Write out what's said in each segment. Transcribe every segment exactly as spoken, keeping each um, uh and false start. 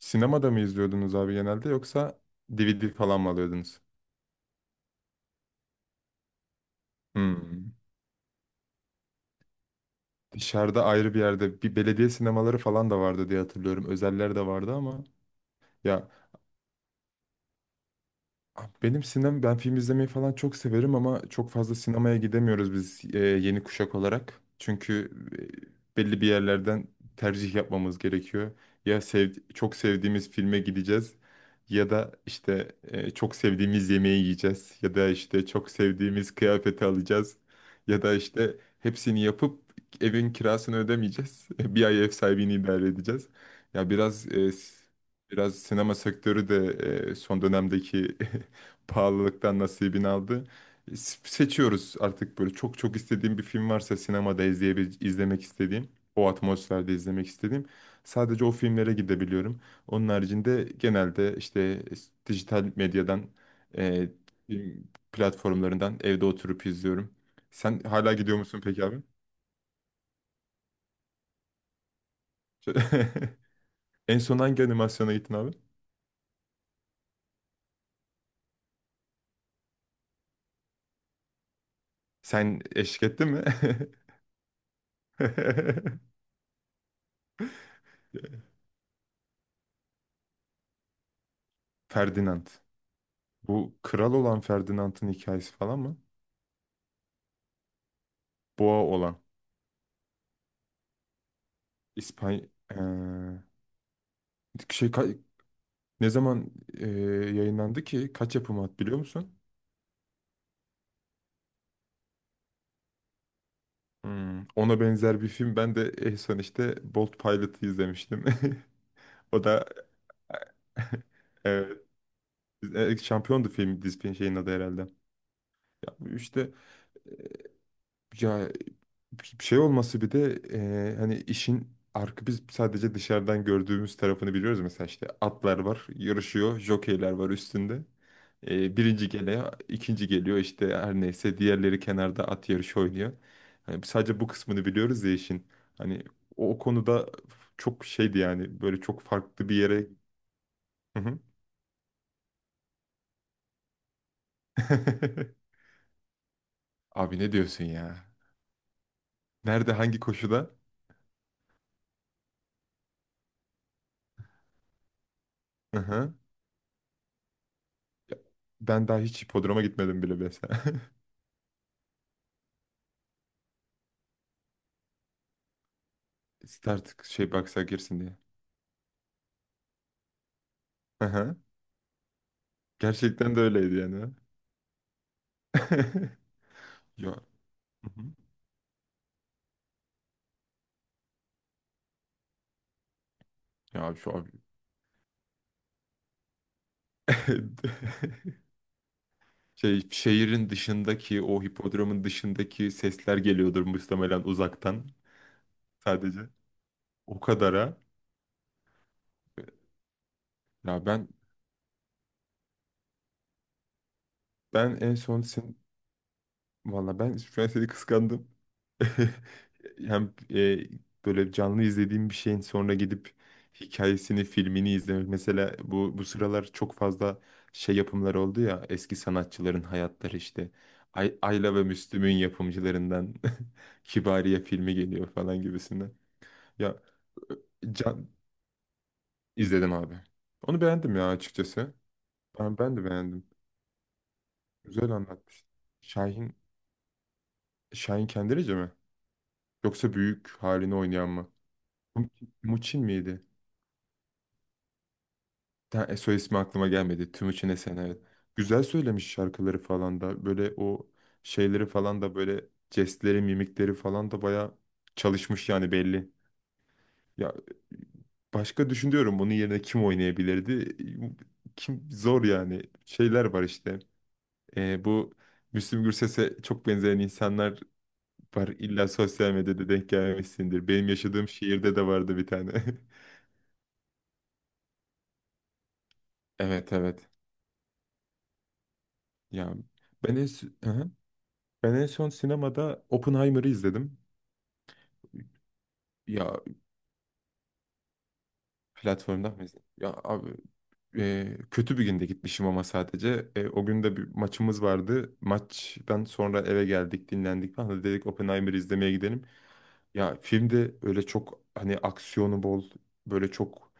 Sinemada mı izliyordunuz abi genelde yoksa D V D falan mı alıyordunuz? Hmm. Dışarıda ayrı bir yerde bir belediye sinemaları falan da vardı diye hatırlıyorum. Özeller de vardı ama ya abi. Benim sinem ben film izlemeyi falan çok severim ama çok fazla sinemaya gidemiyoruz biz e, yeni kuşak olarak. Çünkü e, belli bir yerlerden tercih yapmamız gerekiyor. Ya sev, çok sevdiğimiz filme gideceğiz ya da işte e, çok sevdiğimiz yemeği yiyeceğiz ya da işte çok sevdiğimiz kıyafeti alacağız ya da işte hepsini yapıp evin kirasını ödemeyeceğiz. Bir ay ev sahibini idare edeceğiz. Ya biraz e, s- Biraz sinema sektörü de e, son dönemdeki pahalılıktan nasibini aldı. S- Seçiyoruz artık, böyle çok çok istediğim bir film varsa sinemada izleyebe- izlemek istediğim, o atmosferde izlemek istediğim, sadece o filmlere gidebiliyorum. Onun haricinde genelde işte s- dijital medyadan, e, film platformlarından evde oturup izliyorum. Sen hala gidiyor musun peki abi? En son hangi animasyona gittin abi? Sen eşlik ettin mi? Ferdinand. Bu kral olan Ferdinand'ın hikayesi falan mı? Boğa olan İspanya şey ka- ne zaman eee, yayınlandı ki? Kaç yapımı at biliyor musun? Hmm, ona benzer bir film ben de en son işte Bolt Pilot'ı izlemiştim. O da evet, e, şampiyondu film dizinin şeyin adı herhalde. Ya bu işte e, ya şey olması, bir de e, hani işin arka biz sadece dışarıdan gördüğümüz tarafını biliyoruz. Mesela işte atlar var, yarışıyor, jokeyler var üstünde. E, birinci geliyor, ikinci geliyor işte, her neyse diğerleri kenarda at yarışı oynuyor. Hani biz sadece bu kısmını biliyoruz ya işin. Hani o, o konuda çok şeydi, yani böyle çok farklı bir yere. Hı hı. Abi, ne diyorsun ya? Nerede, hangi koşuda? Hı hı. Ben daha hiç hipodroma gitmedim bile mesela. Start şey, baksa girsin diye. Aha. Gerçekten de öyleydi yani. Ya. Mhm. Ya abi şu abi. Şey, şehrin dışındaki, o hipodromun dışındaki sesler geliyordur muhtemelen uzaktan sadece. O kadara. Ya ben ben en son sin- Valla ben şu an seni kıskandım. Hem e, böyle canlı izlediğim bir şeyin sonra gidip hikayesini, filmini izlemek. Mesela bu bu sıralar çok fazla şey yapımları oldu ya, eski sanatçıların hayatları işte. Ay, Ayla ve Müslüm'ün yapımcılarından Kibariye filmi geliyor falan gibisinden. Ya e, can izledim abi. Onu beğendim ya, açıkçası. Ben, ben de beğendim. Güzel anlatmış. Şahin Şahin Kendirici mi? Yoksa büyük halini oynayan mı? Timuçin Timuçin miydi? Ha, e, soy ismi aklıma gelmedi. Timuçin Esen, evet. Güzel söylemiş şarkıları falan da. Böyle o şeyleri falan da, böyle jestleri, mimikleri falan da baya çalışmış, yani belli. Ya başka düşünüyorum, bunun yerine kim oynayabilirdi? Kim, zor yani. Şeyler var işte. Ee, bu Müslüm Gürses'e çok benzeyen insanlar var. İlla sosyal medyada denk gelmemişsindir. Benim yaşadığım şehirde de vardı bir tane. Evet, evet. Ya ben en, s- Hı hı. ben en son sinemada Oppenheimer'ı izledim. Ya platformdan mı izledim? Ya abi, e, kötü bir günde gitmişim ama sadece. E, o gün de bir maçımız vardı. Maçtan sonra eve geldik, dinlendik falan. Hadi dedik, Oppenheimer'ı izlemeye gidelim. Ya filmde öyle çok hani aksiyonu bol, böyle çok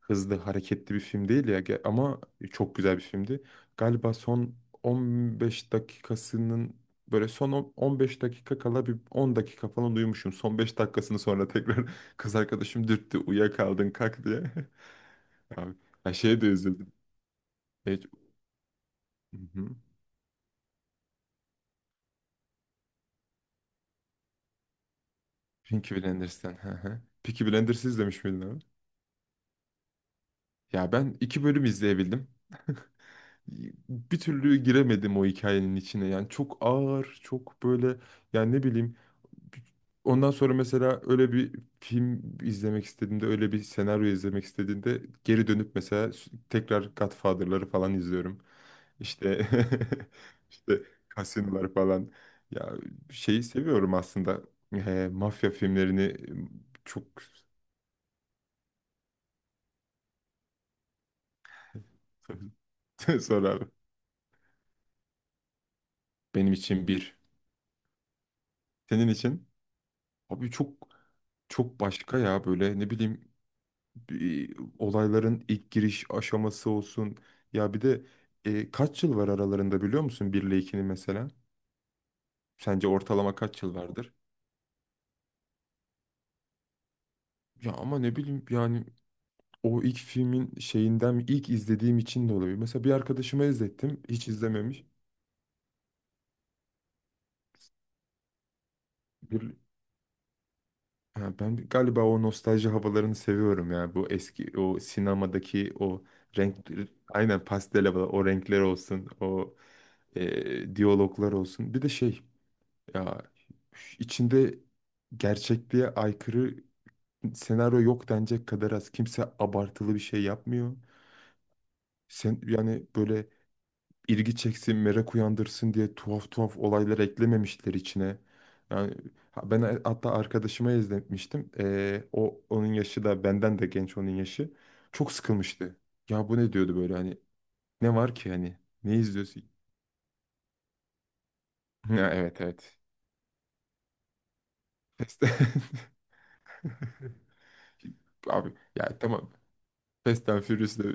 hızlı hareketli bir film değil ya. Ge- ama çok güzel bir filmdi. Galiba son on beş dakikasının böyle, son on- 15 dakika kala bir on dakika falan uyumuşum. Son beş dakikasını sonra tekrar kız arkadaşım dürttü, uyuyakaldın kalk diye. Abi, ya şeye de üzüldüm. Evet, hı hı. Peaky Blinders'ten. Hı hı. Peaky Blinders izlemiş miydin abi? Ya ben iki bölüm izleyebildim, bir türlü giremedim o hikayenin içine. Yani çok ağır, çok böyle, yani ne bileyim. Ondan sonra mesela öyle bir film izlemek istediğimde, öyle bir senaryo izlemek istediğimde geri dönüp mesela s- tekrar Godfather'ları falan izliyorum. İşte işte kasinolar falan. Ya şeyi seviyorum aslında. Eee, mafya filmlerini çok sonra benim için bir. Senin için? Abi, çok çok başka ya, böyle ne bileyim, bir olayların ilk giriş aşaması olsun. Ya bir de e, kaç yıl var aralarında biliyor musun bir ile ikinin mesela? Sence ortalama kaç yıl vardır? Ya ama ne bileyim yani, o ilk filmin şeyinden, ilk izlediğim için de olabilir. Mesela bir arkadaşıma izlettim, hiç izlememiş. Ha, ben galiba o nostalji havalarını seviyorum ya. Bu eski, o sinemadaki o renk, aynen pastel havalar, o renkler olsun, o e, diyaloglar olsun. Bir de şey ya, içinde gerçekliğe aykırı senaryo yok denecek kadar az. Kimse abartılı bir şey yapmıyor. Sen yani böyle ilgi çeksin, merak uyandırsın diye tuhaf tuhaf olaylar eklememişler içine. Yani ha- ben a- hatta arkadaşıma izletmiştim. Ee, o, onun yaşı da benden de genç, onun yaşı. Çok sıkılmıştı. Ya bu ne diyordu, böyle hani ne var ki, hani ne izliyorsun? Ya, evet evet. Fast and- Abi ya, tamam. Fast and Furious da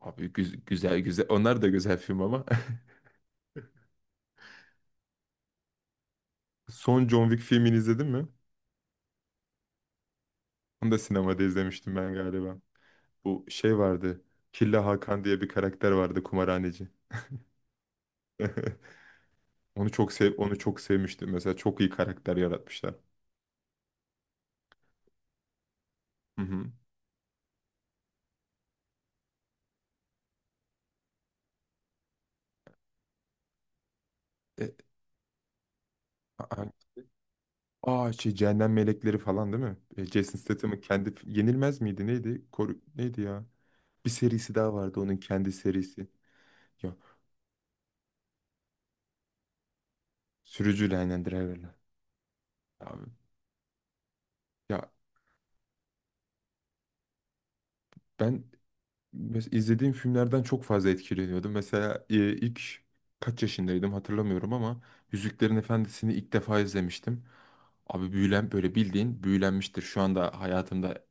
abi güz- güzel, güzel. Onlar da güzel film ama. Son John Wick filmini izledin mi? Onu da sinemada izlemiştim ben galiba. Bu şey vardı. Killa Hakan diye bir karakter vardı, kumarhaneci. Onu çok sev onu çok sevmiştim. Mesela çok iyi karakter yaratmışlar. Hı hı. E, a- a- aa Şey, Cehennem Melekleri falan değil mi? E, Jason Statham'ın kendi, yenilmez miydi? Neydi? Koru, neydi ya? Bir serisi daha vardı, onun kendi serisi. Ya sürücü, Land Driver'la. Abi ya ben mes- izlediğim filmlerden çok fazla etkileniyordum. Mesela e, ilk kaç yaşındaydım hatırlamıyorum ama Yüzüklerin Efendisi'ni ilk defa izlemiştim. Abi büyülen, böyle bildiğin büyülenmiştir. Şu anda hayatımda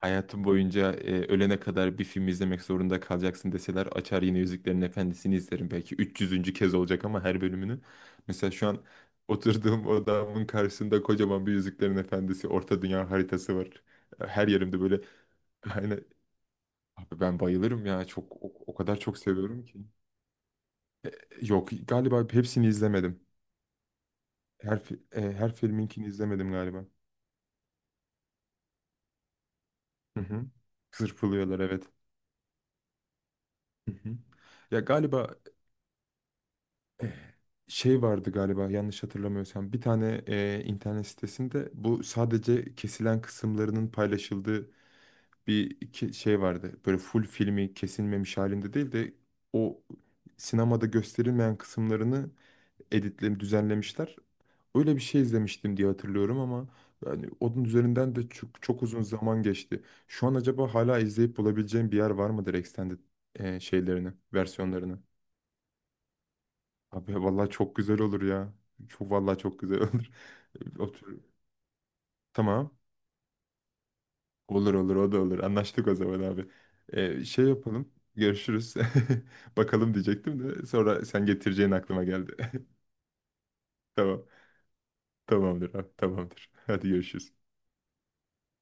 Hayatım boyunca e, ölene kadar bir film izlemek zorunda kalacaksın deseler, açar yine Yüzüklerin Efendisi'ni izlerim. Belki üç yüzüncü. kez olacak ama her bölümünü. Mesela şu an oturduğum odamın karşısında kocaman bir Yüzüklerin Efendisi orta dünya haritası var. Her yerimde böyle aynen. Abi ben bayılırım ya. Çok o, o kadar çok seviyorum ki. Yok, galiba hepsini izlemedim. Her fi- e, her filminkini izlemedim galiba. Hı hı. Zırpılıyorlar, evet. Hı hı. Ya galiba şey vardı, galiba yanlış hatırlamıyorsam bir tane e, internet sitesinde bu sadece kesilen kısımlarının paylaşıldığı bir ke- şey vardı. Böyle full filmi kesilmemiş halinde değil de o sinemada gösterilmeyen kısımlarını editle düzenlemişler. Öyle bir şey izlemiştim diye hatırlıyorum ama yani onun üzerinden de çok, çok uzun zaman geçti. Şu an acaba hala izleyip bulabileceğim bir yer var mıdır Extended e, şeylerini, versiyonlarını? Abi vallahi çok güzel olur ya. Çok, vallahi çok güzel olur. Otur. Tamam. Olur olur, o da olur. Anlaştık o zaman abi. E, şey yapalım. Görüşürüz. Bakalım diyecektim de sonra sen getireceğin aklıma geldi. Tamam. Tamamdır abi. Tamamdır. Hadi görüşürüz.